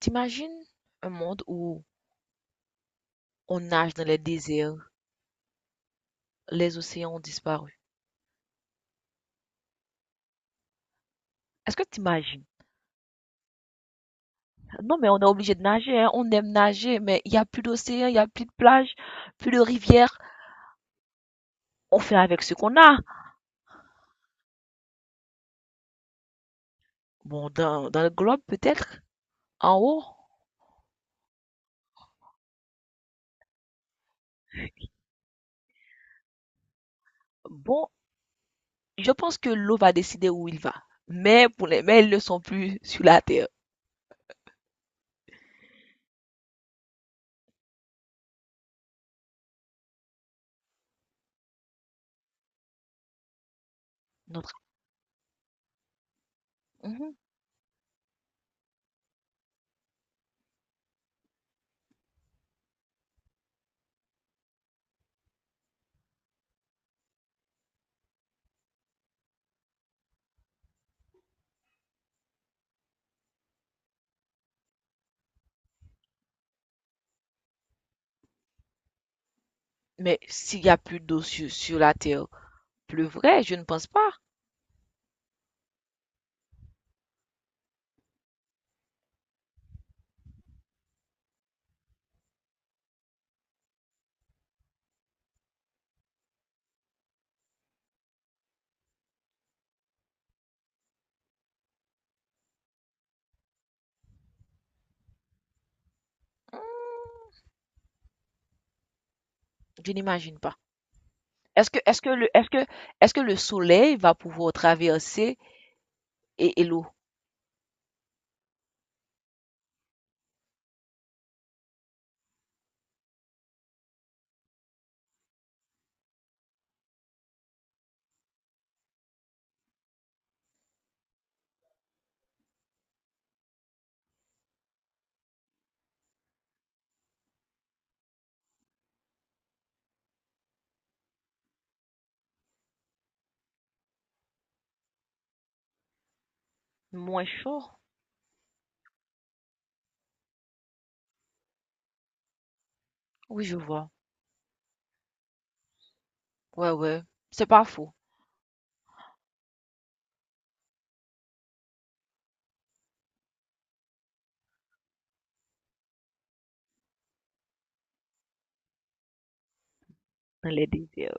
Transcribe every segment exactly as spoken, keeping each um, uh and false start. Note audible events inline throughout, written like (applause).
T'imagines un monde où on nage dans les déserts, les océans ont disparu. Est-ce que t'imagines? Non, mais on est obligé de nager, hein. On aime nager, mais il n'y a plus d'océan, il n'y a plus de plage, plus de rivière. On fait avec ce qu'on a. Bon, dans, dans le globe peut-être, en haut. Bon, je pense que l'eau va décider où il va. Mais pour les mais ils ne sont plus sur la terre. Notre. Mhm. Mais s'il y a plus d'eau sur, sur la terre, pleuvrait, je ne pense pas. Hmm, je n'imagine pas. Est-ce que, est-ce que le, est-ce que, est-ce que le soleil va pouvoir traverser et, et l'eau? Moins chaud? Oui, je vois. Ouais, ouais. C'est pas faux. Dans les déserts.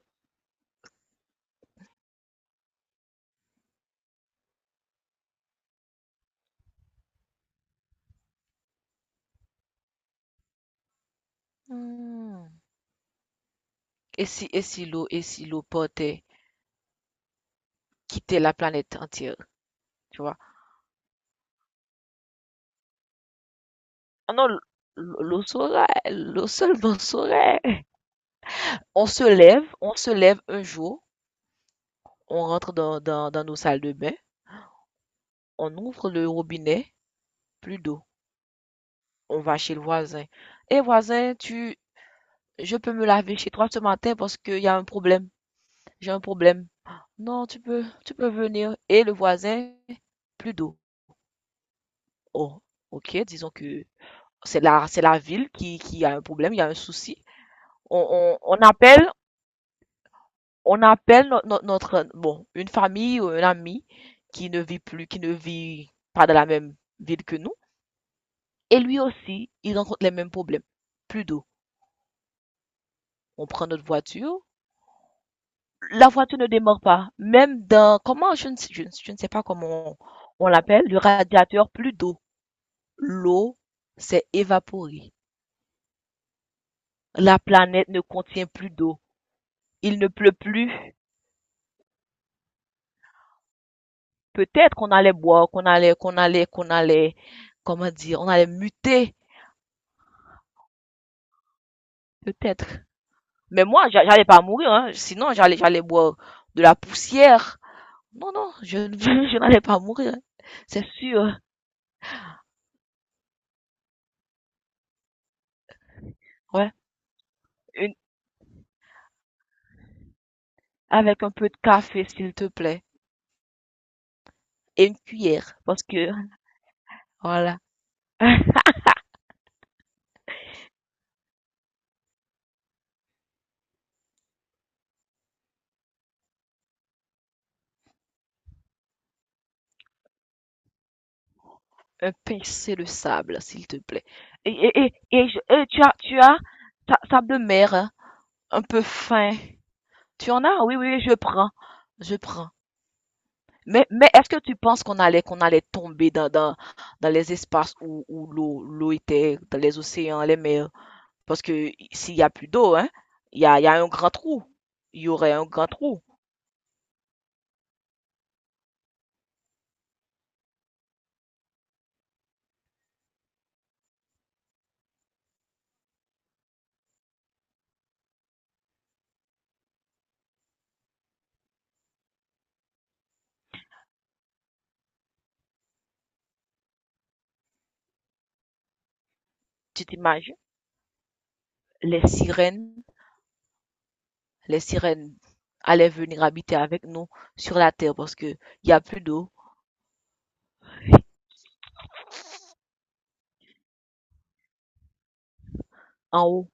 Mmh. Et si et si l'eau et si l'eau portait quitter la planète entière, tu vois? Ah non, l- l- l'eau saurait, l'eau seulement saurait. On se lève, on se lève un jour, on rentre dans, dans, dans nos salles de bain, on ouvre le robinet, plus d'eau. On va chez le voisin. Et voisin, tu, je peux me laver chez toi ce matin parce qu'il y a un problème. J'ai un problème. Non, tu peux, tu peux venir. Et le voisin, plus d'eau. Oh, ok, disons que c'est la, c'est la ville qui, qui a un problème, il y a un souci. On, on, on appelle, on appelle no- no- notre, bon, une famille ou un ami qui ne vit plus, qui ne vit pas dans la même ville que nous. Et lui aussi, il rencontre les mêmes problèmes. Plus d'eau. On prend notre voiture. La voiture ne démarre pas. Même dans, comment, je ne, sais- je, ne je ne sais pas comment on, on l'appelle, le radiateur, plus d'eau. L'eau s'est évaporée. La planète ne contient plus d'eau. Il ne pleut plus. Peut-être qu'on allait boire, qu'on allait, qu'on allait, qu'on allait, comment dire, on allait muter, peut-être. Mais moi, j'a- j'allais pas mourir, hein. Sinon, j'allais, j'allais boire de la poussière. Non, non, je, (laughs) je n'allais pas mourir, hein. C'est sûr. Ouais. Une, avec un peu de café, s'il te plaît. Et une cuillère, parce que, voilà, un pincé de sable, s'il te plaît. Et, et, et, et je- et tu as, tu as, sa- sable de mer, hein, un peu fin. Tu en as? Oui, oui, oui, je prends. Je prends. Mais, mais est-ce que tu penses qu'on allait qu'on allait tomber dans, dans, dans les espaces où, où l'eau l'eau était, dans les océans, les mers? Parce que s'il y a plus d'eau, hein, il y a, il y a un grand trou. Il y aurait un grand trou. Tu t'imagines? Les sirènes, les sirènes allaient venir habiter avec nous sur la terre parce que il y a plus d'eau en haut,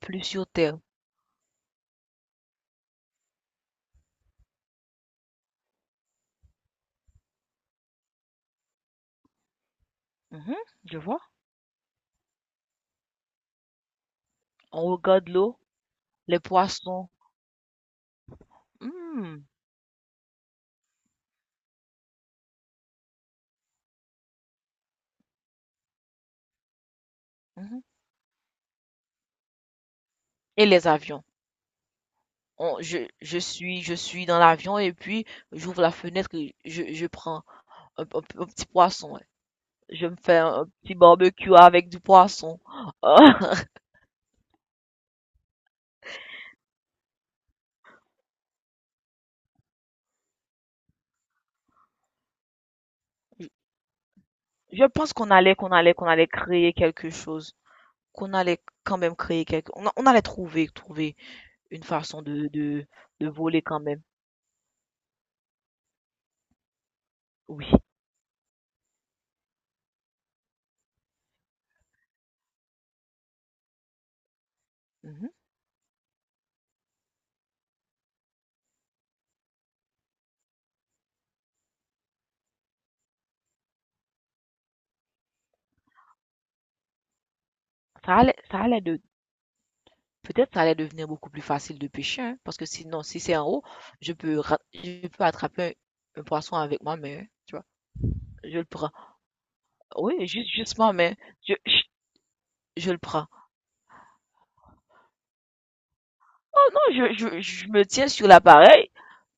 plus sur terre. Mhm, je vois. On regarde l'eau, les poissons. Hmm, mhm. Et les avions. on- je, je suis, je suis dans l'avion et puis j'ouvre la fenêtre et je, je prends un, un- un petit poisson. Ouais. Je me fais un, un petit barbecue avec du poisson. (laughs) Je je pense qu'on allait, qu'on allait, qu'on allait créer quelque chose, qu'on allait quand même créer quelque, on, a- on allait trouver, trouver une façon de, de, de voler quand même. Oui. Mhm. Ça allait, ça allait de, peut-être ça allait devenir beaucoup plus facile de pêcher, hein, parce que sinon, si c'est en haut, je peux ra je peux attraper un un poisson avec ma main, hein, tu vois? Je le prends. Oui, juste, juste ma main. Je, je, je le prends. Oh non, je, je, je me tiens sur l'appareil,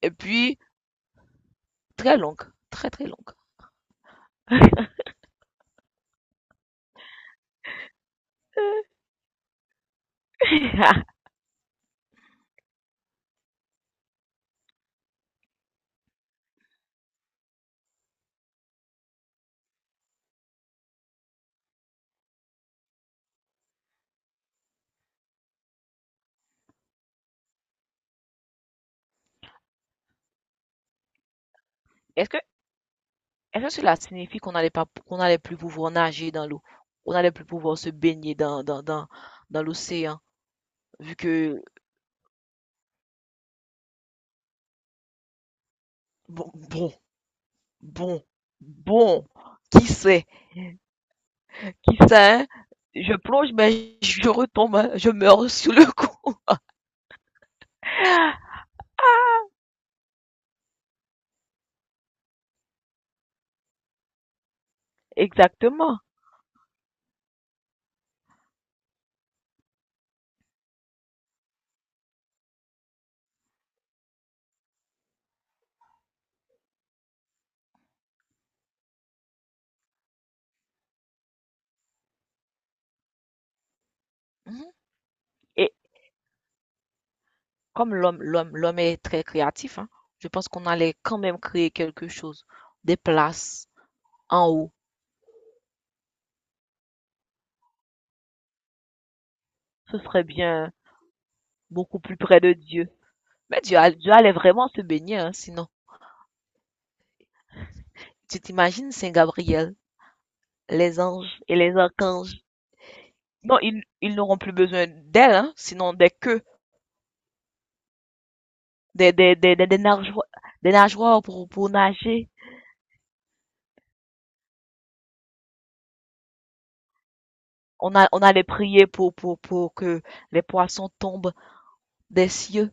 et puis, très longue, très très longue. (laughs) Est-ce que, est-ce que cela signifie qu'on n'allait pas, qu'on n'allait plus pouvoir nager dans l'eau? Qu'on n'allait plus pouvoir se baigner dans, dans, dans, dans l'océan, vu que, bon, bon, bon, bon, qui sait? Qui sait, je plonge, mais je retombe, je meurs sous le coup. (laughs) Exactement. Mhm. Et comme l'homme, l'homme, l'homme est très créatif, hein, je pense qu'on allait quand même créer quelque chose, des places. En haut, ce serait bien beaucoup plus près de Dieu. Mais Dieu, a- Dieu allait vraiment se baigner, hein, sinon. Tu t'imagines Saint Gabriel, les anges et les archanges. Non, ils, ils n'auront plus besoin d'elle, hein, sinon des queues, des, des, des, des, des nageoires, des nageoires pour, pour nager. On a, on allait prier pour, pour, pour que les poissons tombent des cieux.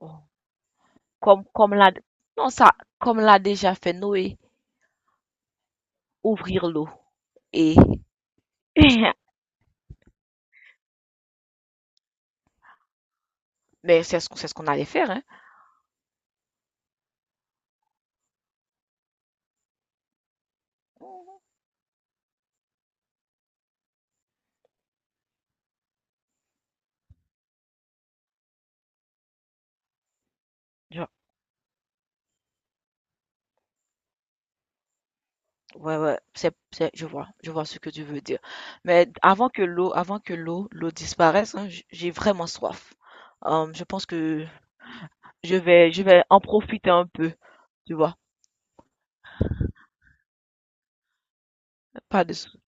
Oh, Comme, comme l'a, non, ça, comme l'a déjà fait Noé, ouvrir l'eau. Et, (coughs) (laughs) mais c'est ce, qu'on- c'est ce qu'on allait faire, hein. Genre, ouais, ouais, c'est, c'est- je vois, je vois ce que tu veux dire. Mais avant que l'eau, avant que l'eau, l'eau disparaisse, hein, j- j'ai vraiment soif. Euh, je pense que je vais, je vais en profiter un peu, tu vois. Pas de, sou-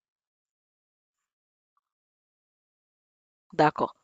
d'accord.